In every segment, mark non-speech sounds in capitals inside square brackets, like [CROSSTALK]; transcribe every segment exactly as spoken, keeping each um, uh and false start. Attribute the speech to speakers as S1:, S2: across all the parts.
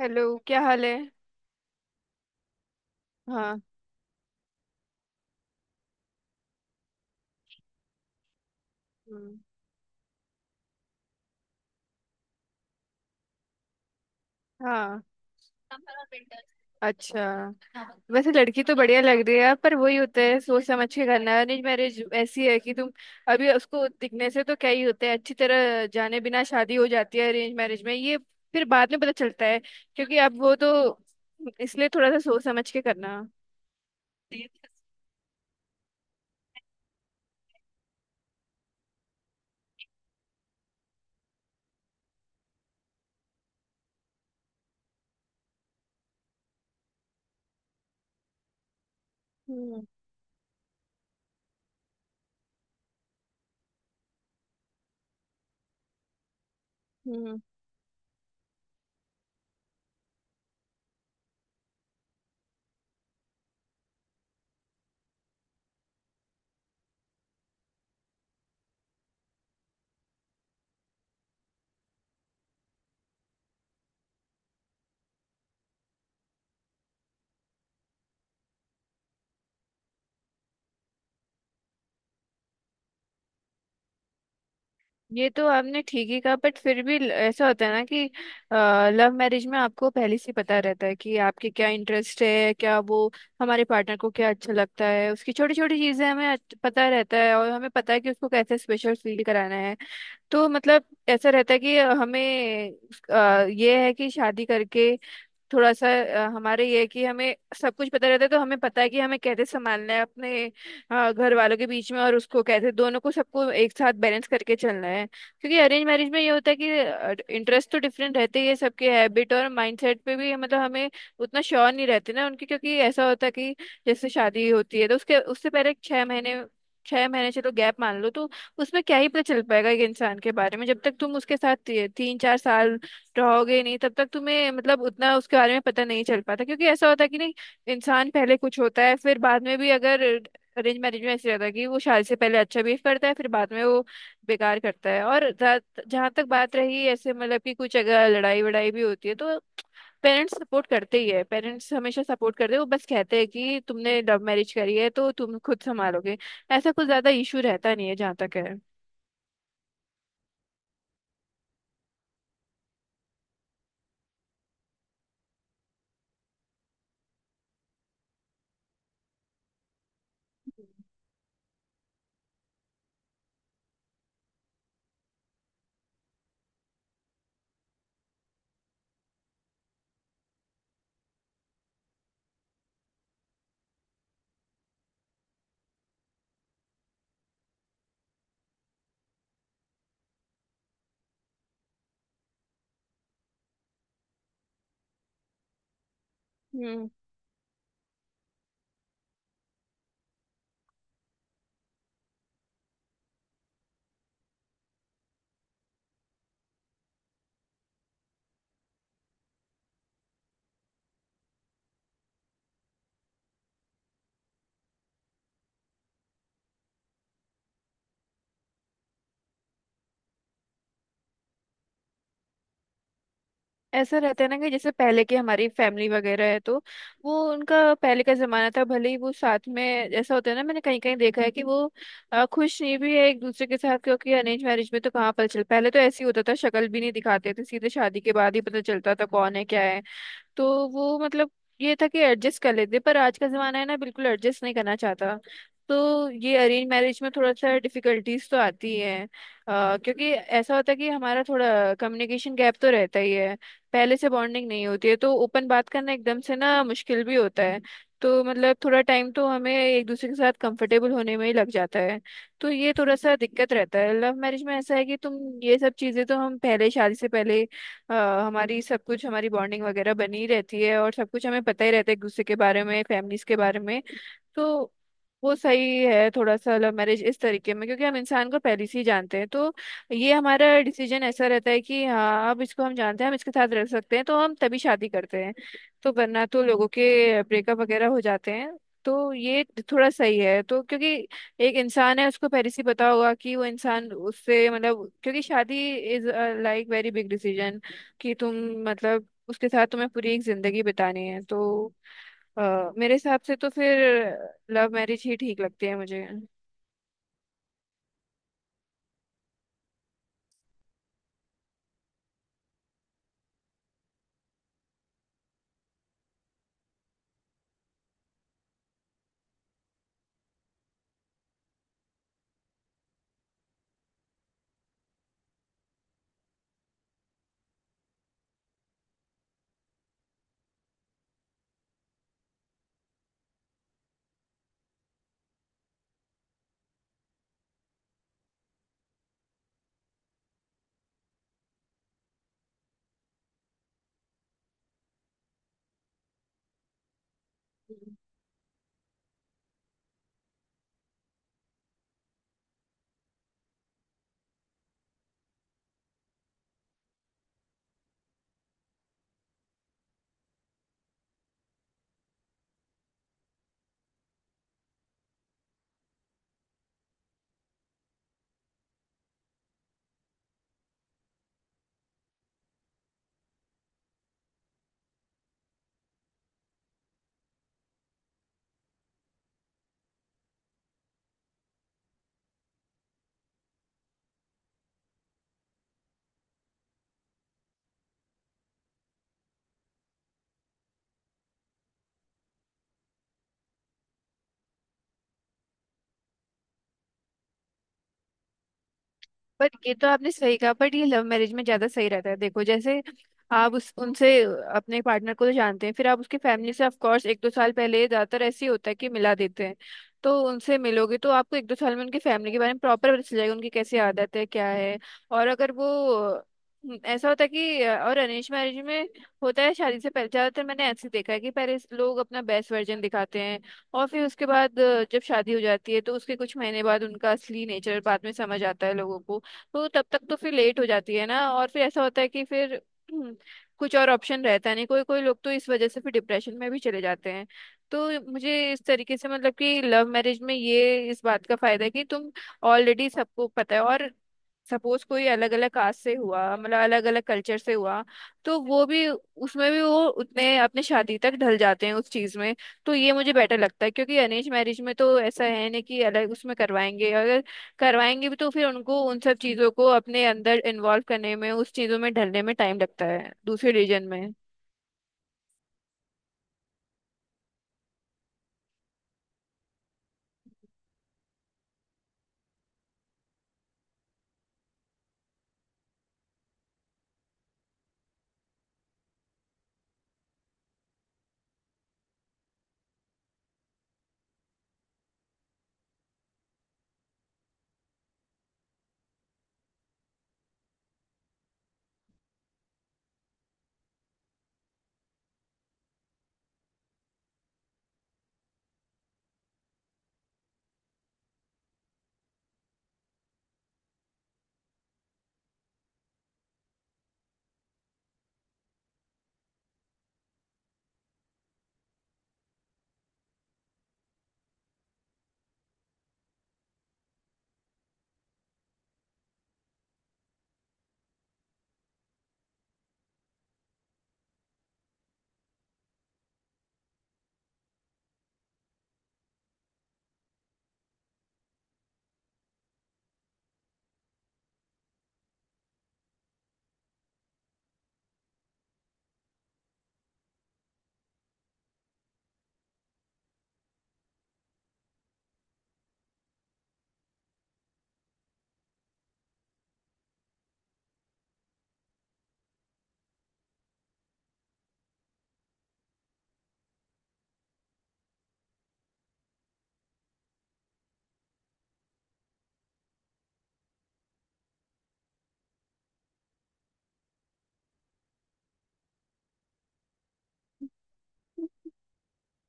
S1: Hello. क्या हाल है? हाँ। हम्म। हाँ। अच्छा। वैसे लड़की तो बढ़िया लग रही है, पर वही होता है, सोच समझ के करना है। अरेंज मैरिज ऐसी है कि तुम अभी उसको दिखने से तो क्या ही होता है, अच्छी तरह जाने बिना शादी हो जाती है अरेंज मैरिज में। ये फिर बाद में पता चलता है, क्योंकि अब वो तो, इसलिए थोड़ा सा सोच समझ के करना। हम्म। हम्म। ये तो आपने ठीक ही कहा, बट फिर भी ल- ऐसा होता है ना कि लव मैरिज में आपको पहले से ही पता रहता है कि आपके क्या इंटरेस्ट है, क्या वो, हमारे पार्टनर को क्या अच्छा लगता है, उसकी छोटी छोटी चीजें हमें अच्छ- पता रहता है, और हमें पता है कि उसको कैसे स्पेशल फील कराना है। तो मतलब ऐसा रहता है कि हमें, अ, ये है कि शादी करके थोड़ा सा, अ, हमारे ये है कि हमें सब कुछ पता रहता है, तो हमें पता है कि हमें कैसे संभालना है अपने, अ, घर वालों के बीच में, और उसको कैसे दोनों को सबको एक साथ बैलेंस करके चलना है। क्योंकि अरेंज मैरिज में ये होता है कि इंटरेस्ट तो डिफरेंट रहते ही है सबके, हैबिट और माइंडसेट पे भी मतलब हमें उतना श्योर नहीं रहते ना उनके। क्योंकि ऐसा होता है कि जैसे शादी होती है तो उसके उससे पहले छह महीने, छह महीने चलो गैप मान लो, तो उसमें क्या ही पता चल पाएगा एक इंसान के बारे में? जब तक तुम उसके साथ ती- तीन चार साल रहोगे ही नहीं, तब तक तुम्हें मतलब उतना उसके बारे में पता नहीं चल पाता। क्योंकि ऐसा होता है कि नहीं, इंसान पहले कुछ होता है फिर बाद में भी अगर, अरेंज मैरिज में ऐसे रहता है कि वो शादी से पहले अच्छा बिहेव करता है, फिर बाद में वो बेकार करता है। और जहां तक बात रही ऐसे मतलब कि कुछ अगर लड़ाई वड़ाई भी होती है, तो पेरेंट्स सपोर्ट करते ही है। पेरेंट्स हमेशा सपोर्ट करते हैं, वो बस कहते हैं कि तुमने लव मैरिज करी है तो तुम खुद संभालोगे। ऐसा कुछ ज्यादा इशू रहता नहीं है जहाँ तक है। हम्म। ऐसा रहता है ना कि जैसे पहले की हमारी फैमिली वगैरह है, तो वो उनका पहले का जमाना था। भले ही वो साथ में, ऐसा होता है ना, मैंने कहीं कहीं देखा है कि वो अ, खुश नहीं भी है एक दूसरे के साथ। क्योंकि अरेंज मैरिज में तो कहाँ पता चल, पहले तो ऐसे ही होता था, शक्ल भी नहीं दिखाते थे, सीधे शादी के बाद ही पता चलता था कौन है क्या है। तो वो मतलब, ये था कि एडजस्ट कर लेते। पर आज का जमाना है ना, बिल्कुल एडजस्ट नहीं करना चाहता। तो ये अरेंज मैरिज में थोड़ा सा डिफिकल्टीज तो आती है, अ, क्योंकि ऐसा होता है कि हमारा थोड़ा कम्युनिकेशन गैप तो रहता ही है। पहले से बॉन्डिंग नहीं होती है, तो ओपन बात करना एकदम से ना मुश्किल भी होता है। तो मतलब थोड़ा टाइम तो हमें एक दूसरे के साथ कंफर्टेबल होने में ही लग जाता है। तो ये थोड़ा सा दिक्कत रहता है। लव मैरिज में ऐसा है कि तुम ये सब चीजें तो हम पहले शादी से पहले, अ, हमारी सब कुछ हमारी बॉन्डिंग वगैरह बनी रहती है, और सब कुछ हमें पता ही रहता है एक दूसरे के बारे में, फैमिलीज के बारे में। तो वो सही है थोड़ा सा लव मैरिज इस तरीके में, क्योंकि हम इंसान को पहले से ही जानते हैं। तो ये हमारा डिसीजन ऐसा रहता है कि हाँ, अब इसको हम जानते हैं, हम इसके साथ रह सकते हैं, तो हम तभी शादी करते हैं। तो वरना तो लोगों के ब्रेकअप वगैरह हो जाते हैं। तो ये थोड़ा सही है तो, क्योंकि एक इंसान है, उसको पहले से ही पता होगा कि वो इंसान उससे मतलब, क्योंकि शादी is like very big decision कि तुम, मतलब उसके साथ तुम्हें पूरी एक जिंदगी बितानी है। तो अ, मेरे हिसाब से तो फिर लव मैरिज ही ठीक लगती है मुझे। बट ये तो आपने सही कहा, बट ये लव मैरिज में ज्यादा सही रहता है। देखो, जैसे आप उस उनसे, अपने पार्टनर को तो जानते हैं, फिर आप उसकी फैमिली से ऑफ कोर्स एक दो साल पहले, ज्यादातर ऐसे ही होता है कि मिला देते हैं। तो उनसे मिलोगे तो आपको एक दो साल में उनकी फैमिली के बारे में प्रॉपर पता चल जाएगा, उनकी कैसी आदत है क्या है। और अगर वो, ऐसा होता है कि, और अरेंज मैरिज में होता है, शादी से पहले ज्यादातर मैंने ऐसे देखा है कि पहले लोग अपना बेस्ट वर्जन दिखाते हैं, और फिर उसके बाद जब शादी हो जाती है तो उसके कुछ महीने बाद उनका असली नेचर बाद में समझ आता है लोगों को। तो तब तक तो फिर लेट हो जाती है ना। और फिर ऐसा होता है कि फिर, हम्म, कुछ और ऑप्शन रहता नहीं, कोई कोई लोग तो इस वजह से फिर डिप्रेशन में भी चले जाते हैं। तो मुझे इस तरीके से मतलब कि लव मैरिज में ये इस बात का फायदा है कि तुम ऑलरेडी सबको पता है। और सपोज कोई अलग अलग कास्ट से हुआ, मतलब अलग अलग कल्चर से हुआ, तो वो भी, उसमें भी वो उतने अपने शादी तक ढल जाते हैं उस चीज में। तो ये मुझे बेटर लगता है, क्योंकि अरेंज मैरिज में तो ऐसा है नहीं कि अलग उसमें करवाएंगे। अगर करवाएंगे भी तो फिर उनको उन सब चीजों को अपने अंदर इन्वॉल्व करने में, उस चीजों में ढलने में टाइम लगता है दूसरे रीजन में।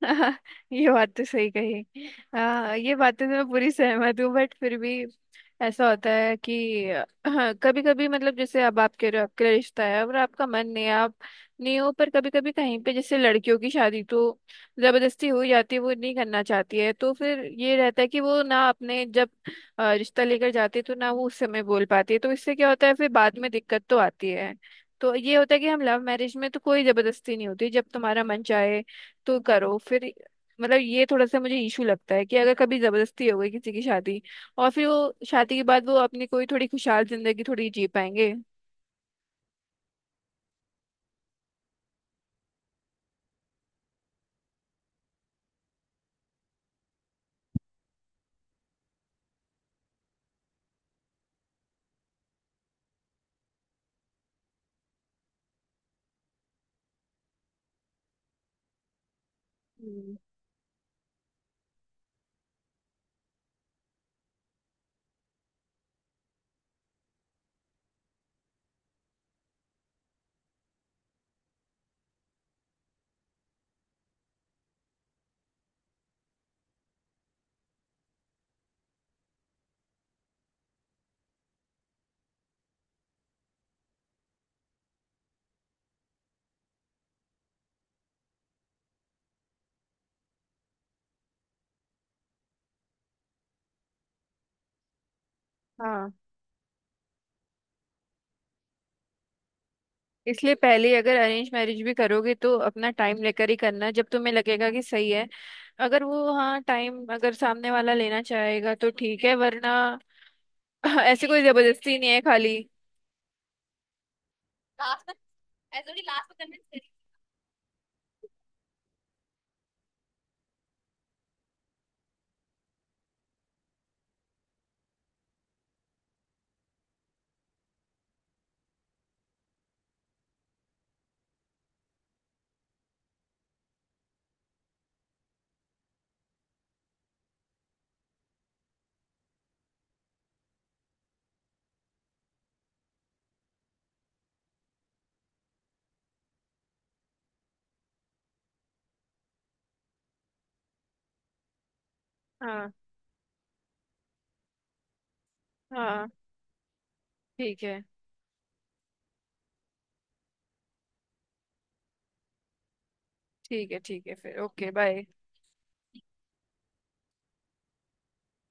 S1: [LAUGHS] ये बात तो सही कही। आ, ये बातें तो मैं पूरी सहमत हूँ, बट फिर भी ऐसा होता है कि [CLEARS THROAT] कभी कभी मतलब, जैसे अब आपके आपके रिश्ता है, और आपका मन नहीं है, आप नहीं हो, पर कभी कभी कहीं पे, जैसे लड़कियों की शादी तो जबरदस्ती हो जाती है, वो नहीं करना चाहती है, तो फिर ये रहता है कि वो ना अपने जब अ, रिश्ता लेकर जाती है तो ना वो उस समय बोल पाती है, तो इससे क्या होता है फिर बाद में दिक्कत तो आती है। तो ये होता है कि हम लव मैरिज में तो कोई जबरदस्ती नहीं होती। जब तुम्हारा मन चाहे तो करो फिर, मतलब ये थोड़ा सा मुझे इशू लगता है कि अगर कभी जबरदस्ती हो गई किसी की शादी, और फिर वो शादी के बाद वो अपनी कोई थोड़ी खुशहाल जिंदगी थोड़ी जी पाएंगे। हम्म। हाँ, इसलिए पहले ही अगर अरेंज मैरिज भी करोगे तो अपना टाइम लेकर ही करना, जब तुम्हें लगेगा कि सही है। अगर वो, हाँ, टाइम अगर सामने वाला लेना चाहेगा तो ठीक है, वरना [LAUGHS] ऐसी कोई जबरदस्ती नहीं है खाली। हाँ। हाँ। ठीक है। ठीक है। ठीक है, फिर ओके, बाय।